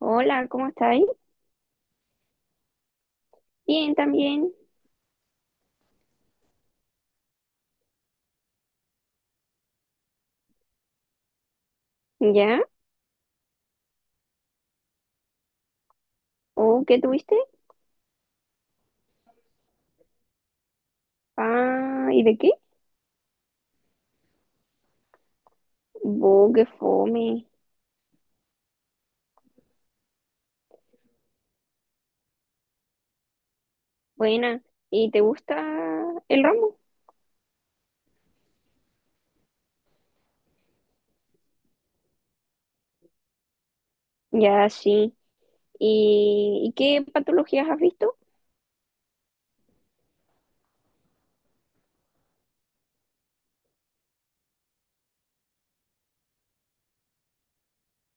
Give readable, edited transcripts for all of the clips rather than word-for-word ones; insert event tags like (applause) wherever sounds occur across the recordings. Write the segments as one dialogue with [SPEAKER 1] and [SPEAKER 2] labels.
[SPEAKER 1] Hola, ¿cómo estáis? Bien, también. ¿Ya? ¿Oh, qué tuviste? Ah, ¿y de qué? Oh, qué fome. Buena. ¿Y te gusta el ramo? Ya, sí. ¿Y qué patologías has visto?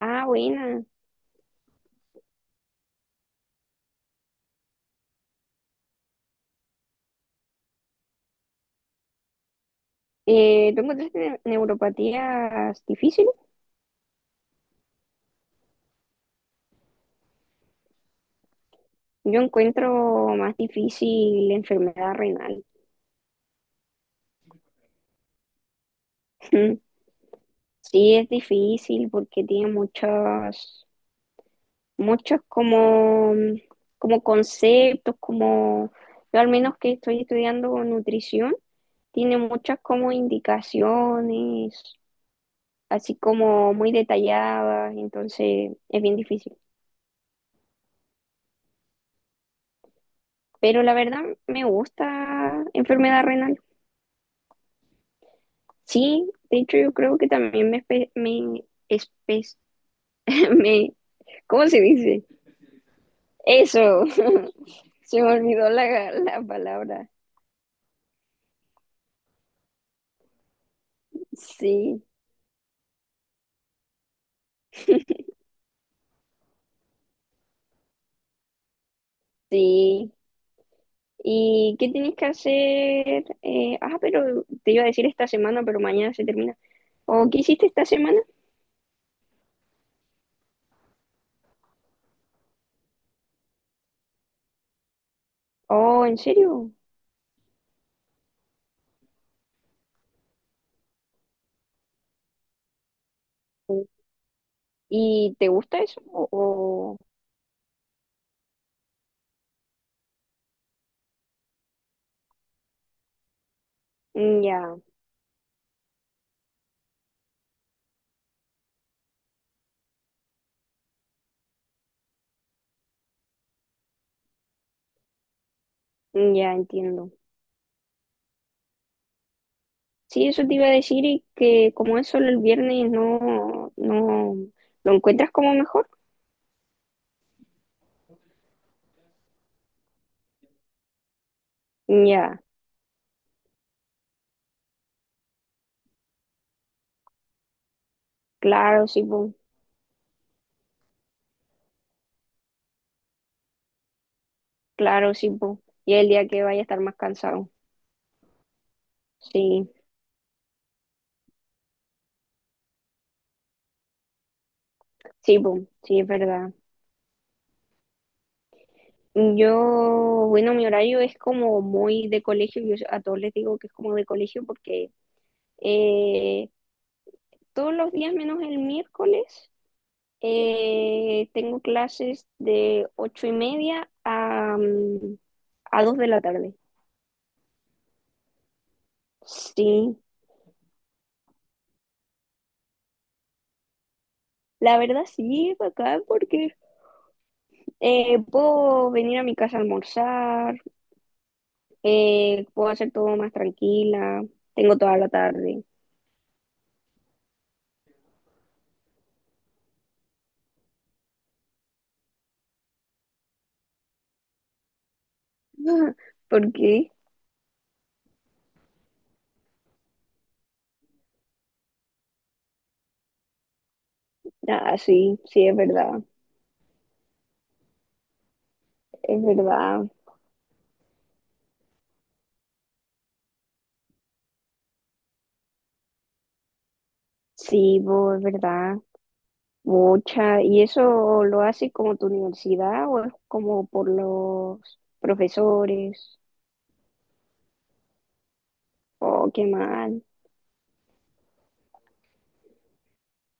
[SPEAKER 1] Ah, buena. ¿Tú encontraste neuropatías difíciles? Yo encuentro más difícil la enfermedad renal. (laughs) Sí, es difícil porque tiene muchas muchos como, como conceptos, como yo al menos que estoy estudiando nutrición, tiene muchas como indicaciones, así como muy detalladas, entonces es bien difícil. Pero la verdad me gusta enfermedad renal. Sí, de hecho yo creo que también (laughs) me ¿cómo se dice? Eso, (laughs) se me olvidó la palabra. Sí, sí. ¿Y qué tienes que hacer? Pero te iba a decir esta semana, pero mañana se termina. ¿O qué hiciste esta semana? Oh, ¿en serio? ¿Y te gusta eso? Mm, ya, mm, ya entiendo. Sí, eso te iba a decir y que como es solo el viernes, no, no, ¿lo encuentras como mejor? Mm, ya, claro, sí, po, claro, sí, po. Y el día que vaya a estar más cansado. Sí, sí, po, sí, es verdad. Yo, bueno, mi horario es como muy de colegio, yo a todos les digo que es como de colegio porque eh, todos los días menos el miércoles tengo clases de 8:30 a, a 2 de la tarde. Sí, la verdad sí, es bacán porque puedo venir a mi casa a almorzar, puedo hacer todo más tranquila, tengo toda la tarde. (laughs) ¿Por qué? Ah, sí, sí, es verdad. Es verdad, sí, bo, es verdad, mucha. ¿Y eso lo hace como tu universidad o es como por los profesores? Oh, qué mal.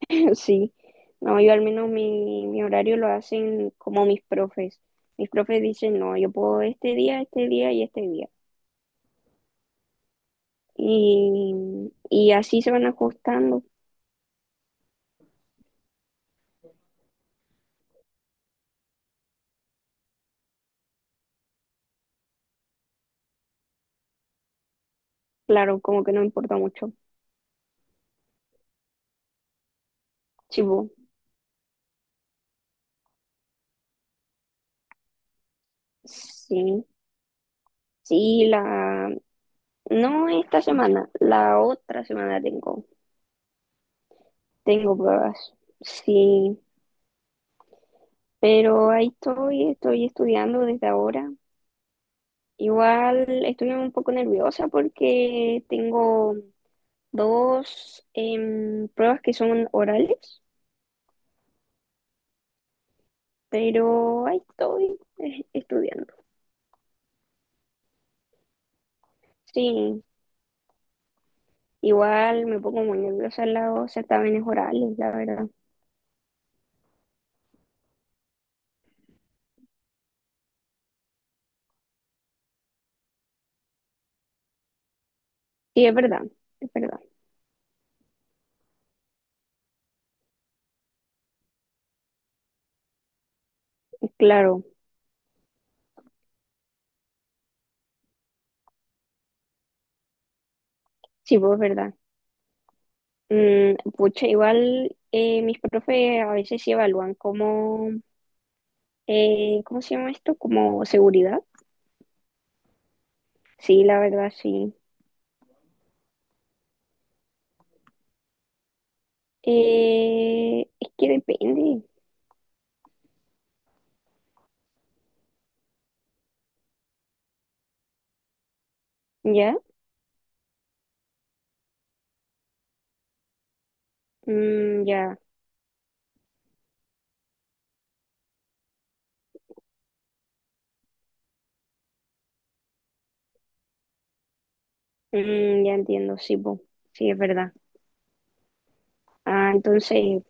[SPEAKER 1] (laughs) Sí, no, yo al menos mi horario lo hacen como mis profes. Mis profes dicen, no, yo puedo este día y este día. Y, y así se van ajustando, claro, como que no importa mucho. Sí, bo, sí, sí, la, no esta semana, la otra semana tengo, tengo pruebas. Sí, pero estoy estudiando desde ahora. Igual estoy un poco nerviosa porque tengo dos pruebas que son orales, pero ahí estoy estudiando. Sí, igual me pongo muy nerviosa en los certámenes orales, la verdad. Sí, es verdad, es verdad, es claro. Sí, pues es verdad. Mm, pucha, igual mis profes a veces sí evalúan como, ¿cómo se llama esto? Como seguridad. Sí, la verdad, sí. Es que depende, ¿ya? Mm, ya, mm, ya entiendo, sí, po. Sí, es verdad. Ah, entonces,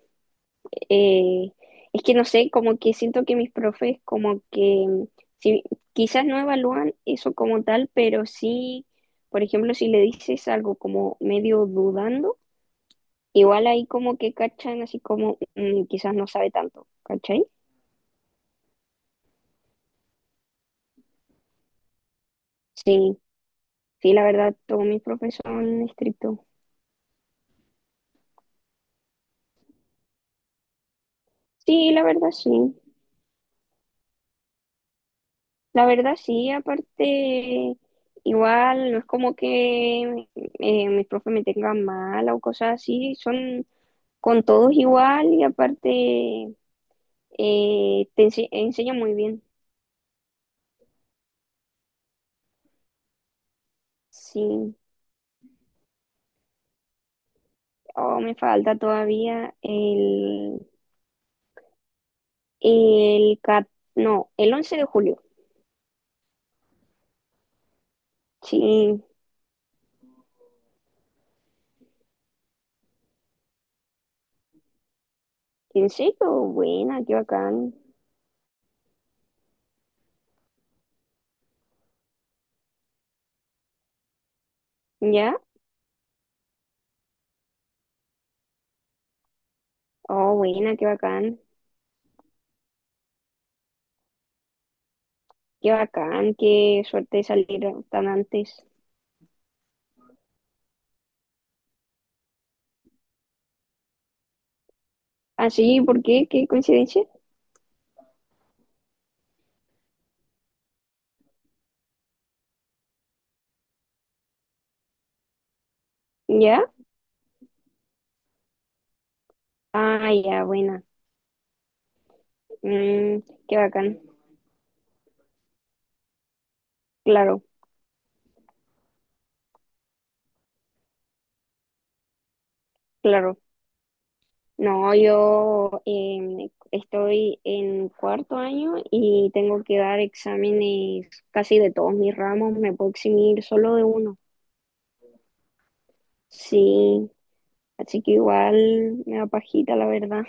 [SPEAKER 1] eh, es que no sé, como que siento que mis profes como que, sí, quizás no evalúan eso como tal, pero sí, por ejemplo, si le dices algo como medio dudando, igual ahí como que cachan, así como mm, quizás no sabe tanto, ¿cachai? Sí, sí, la verdad, todos mis mi son estrictos. Sí, la verdad, sí. La verdad, sí, aparte, igual no es como que mis profes me tengan mal o cosas así, son con todos igual y aparte enseñan muy bien. Sí, oh, me falta todavía el, cat- no, el 11 de julio. Sí, ¿qué buena, qué bacán. ¿Ya? Oh, buena, qué bacán. Qué bacán, qué suerte de salir tan antes. Ah, sí, ¿por qué? ¿Qué coincidencia? ¿Ya? Ah, ya, buena. Mm, qué bacán. Claro, claro. No, yo estoy en cuarto año y tengo que dar exámenes casi de todos mis ramos. Me puedo eximir solo de uno. Sí, así que igual me da pajita, la verdad.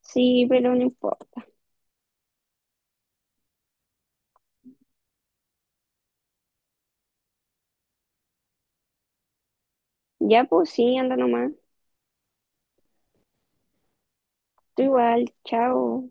[SPEAKER 1] Sí, pero no importa. Ya, pues sí, anda nomás. Tú igual, chao.